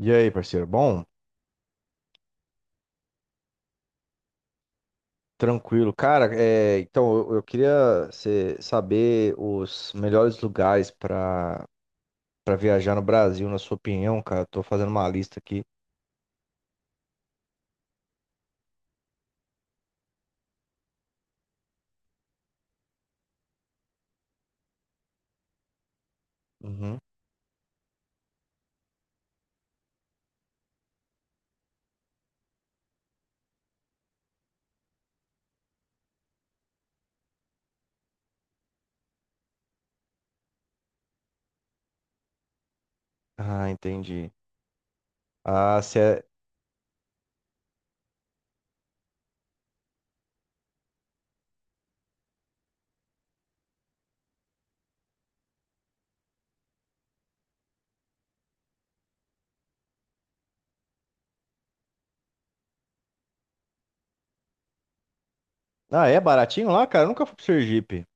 E aí, parceiro? Bom, tranquilo. Cara, então eu queria saber os melhores lugares para viajar no Brasil, na sua opinião, cara. Tô fazendo uma lista aqui. Uhum. Ah, entendi. Ah, cê é... Ah, é baratinho lá, cara? Eu nunca fui pro Sergipe.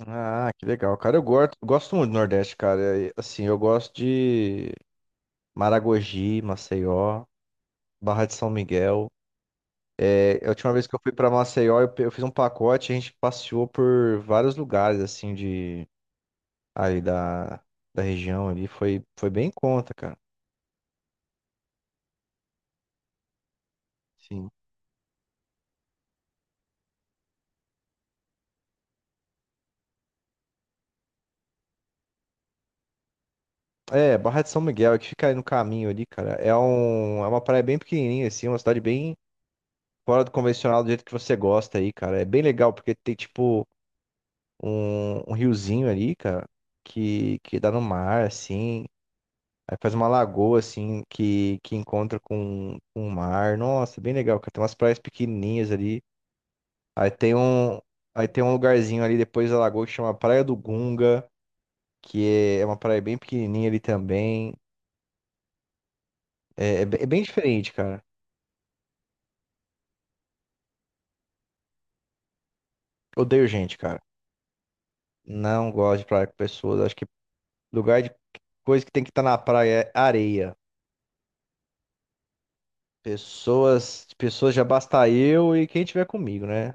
Ah, que legal, cara. Eu gosto, gosto muito do Nordeste, cara. E, assim, eu gosto de Maragogi, Maceió, Barra de São Miguel. A última vez que eu fui pra Maceió, eu fiz um pacote, a gente passeou por vários lugares, assim, de ali da, da região ali, foi bem em conta, cara. Sim. É, Barra de São Miguel, que fica aí no caminho ali, cara. É, é uma praia bem pequenininha, assim, uma cidade bem fora do convencional, do jeito que você gosta aí, cara. É bem legal, porque tem, tipo, um riozinho ali, cara, que dá no mar, assim. Aí faz uma lagoa, assim, que encontra com o mar. Nossa, bem legal, cara. Tem umas praias pequenininhas ali. Aí tem um, Aí tem um lugarzinho ali depois da lagoa que chama Praia do Gunga, que é uma praia bem pequenininha ali também. É bem diferente, cara. Odeio gente, cara. Não gosto de praia com pessoas. Acho que lugar de coisa que tem que estar na praia é areia. Pessoas, pessoas já basta eu e quem tiver comigo, né?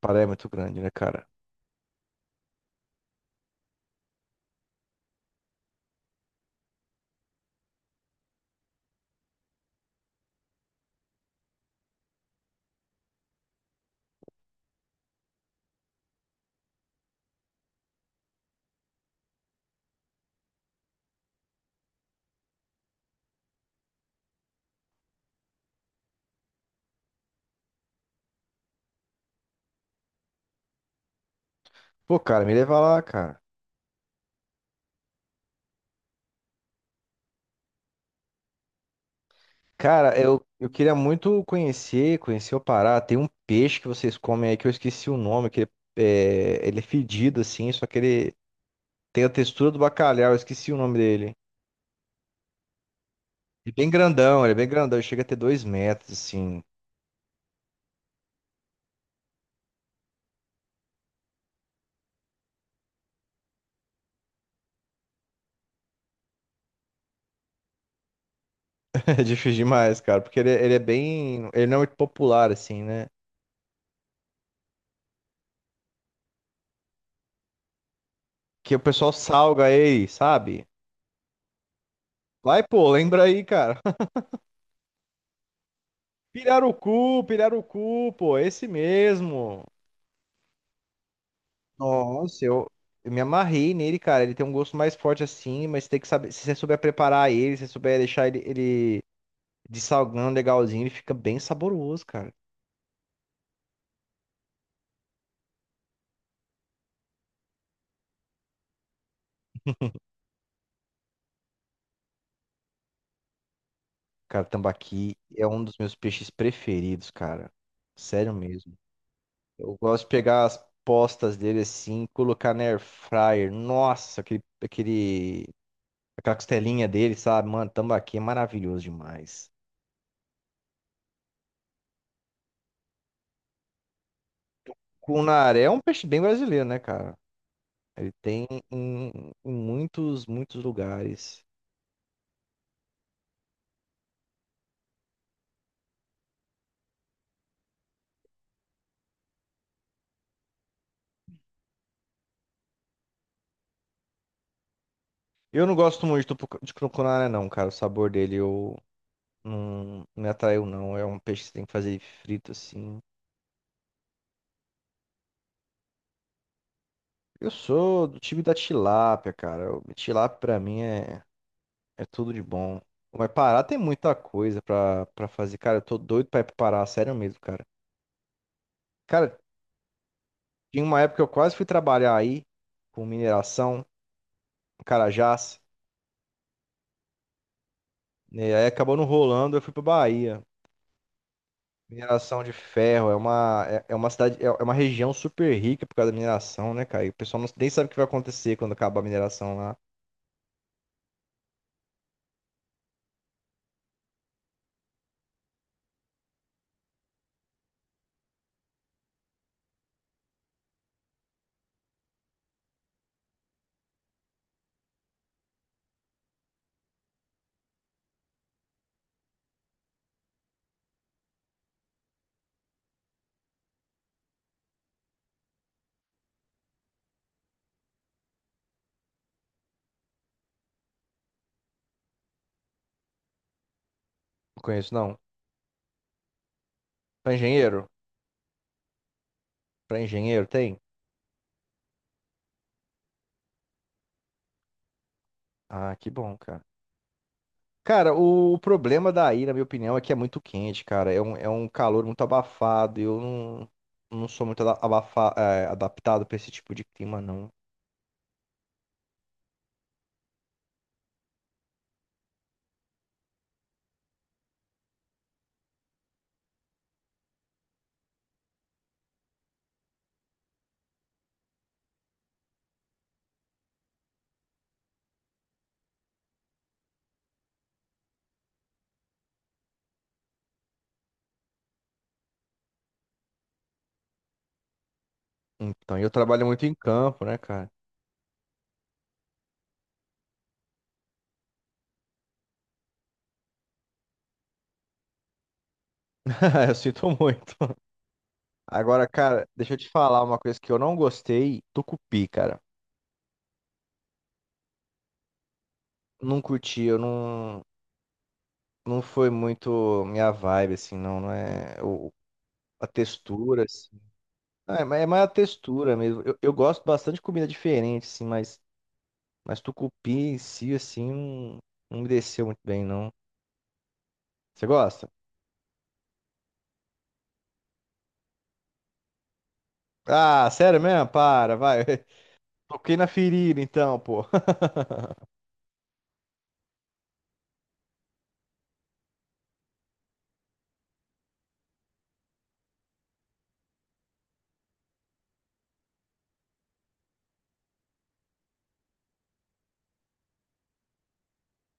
Praia é muito grande, né, cara? Pô, cara, me leva lá, cara. Cara, eu queria muito conhecer o Pará. Tem um peixe que vocês comem aí que eu esqueci o nome, que ele é fedido assim, só que ele tem a textura do bacalhau, eu esqueci o nome dele. Ele é bem grandão, ele é bem grandão, ele chega a ter 2 metros, assim. É difícil demais, cara, porque ele é bem. Ele não é muito popular, assim, né? Que o pessoal salga ele, sabe? Vai, pô, lembra aí, cara. Pirarucu, pirarucu, pô, esse mesmo. Nossa, eu me amarrei nele, cara. Ele tem um gosto mais forte assim, mas tem que saber. Se você souber preparar ele, se você souber deixar ele, ele dessalgando legalzinho, ele fica bem saboroso, cara. Cara, tambaqui é um dos meus peixes preferidos, cara. Sério mesmo. Eu gosto de pegar as postas dele assim, colocar na air fryer. Nossa, aquela costelinha dele, sabe? Mano, tambaqui é maravilhoso demais. Cunaré é um peixe bem brasileiro, né, cara? Ele tem em, em muitos lugares. Eu não gosto muito do de tucunaré, não, cara. O sabor dele eu não não me atraiu, não. É um peixe que você tem que fazer frito, assim. Eu sou do time da tilápia, cara. O tilápia pra mim é tudo de bom. Mas Pará tem muita coisa pra fazer. Cara, eu tô doido pra ir pro Pará, sério mesmo, cara. Cara, tinha uma época que eu quase fui trabalhar aí, com mineração, em Carajás. Né? Aí acabou não rolando, eu fui pra Bahia. Mineração de ferro é é uma cidade, é uma região super rica por causa da mineração, né, cara? E o pessoal nem sabe o que vai acontecer quando acabar a mineração lá. Não conheço, não. Pra engenheiro? Pra engenheiro tem? Ah, que bom, cara. Cara, o problema daí, na minha opinião, é que é muito quente, cara. É um calor muito abafado. E Eu não, Não sou muito adaptado pra esse tipo de clima, não. Então, e eu trabalho muito em campo, né, cara? Eu sinto muito. Agora, cara, deixa eu te falar uma coisa que eu não gostei. Tucupi, cara. Não curti, eu não, não foi muito minha vibe, assim, não é a textura, assim. Ah, é, mais é mais a textura mesmo. Eu gosto bastante de comida diferente, assim, mas tucupi em si, assim, não me desceu muito bem, não. Você gosta? Ah, sério mesmo? Para, vai. Toquei na ferida, então, pô.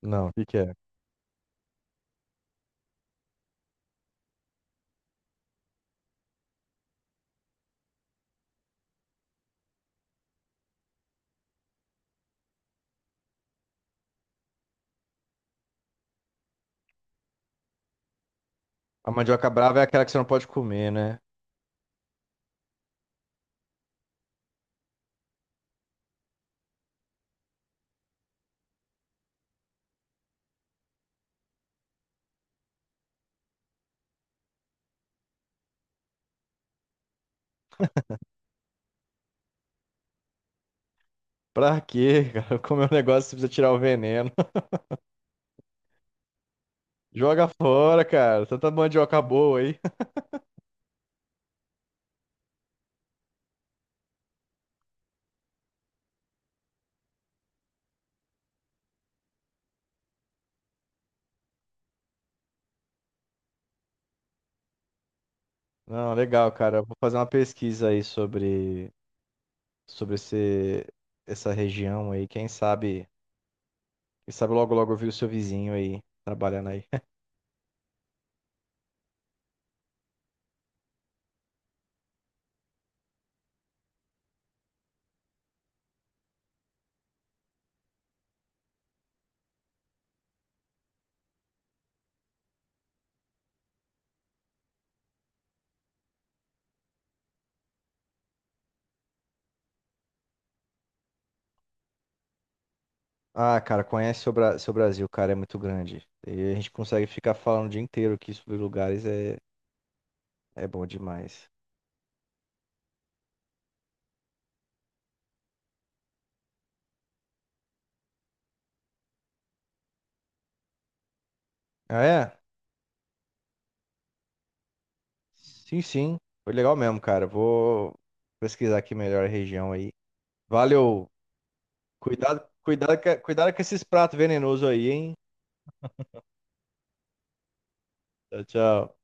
Não, o que que é? A mandioca brava é aquela que você não pode comer, né? Pra quê, cara? Comer um negócio que você precisa tirar o veneno. Joga fora, cara. Tanta mandioca boa aí. Não, legal, cara. Eu vou fazer uma pesquisa aí sobre essa região aí. Quem sabe logo logo eu vi o seu vizinho aí trabalhando aí. Ah, cara, conhece o seu Brasil, cara, é muito grande. E a gente consegue ficar falando o dia inteiro aqui sobre lugares, é bom demais. Ah, é? Sim, sim. Foi legal mesmo, cara. Vou pesquisar aqui melhor a região aí. Valeu. Cuidado, cuidado, cuidado com esses pratos venenosos aí, hein? Tchau, tchau.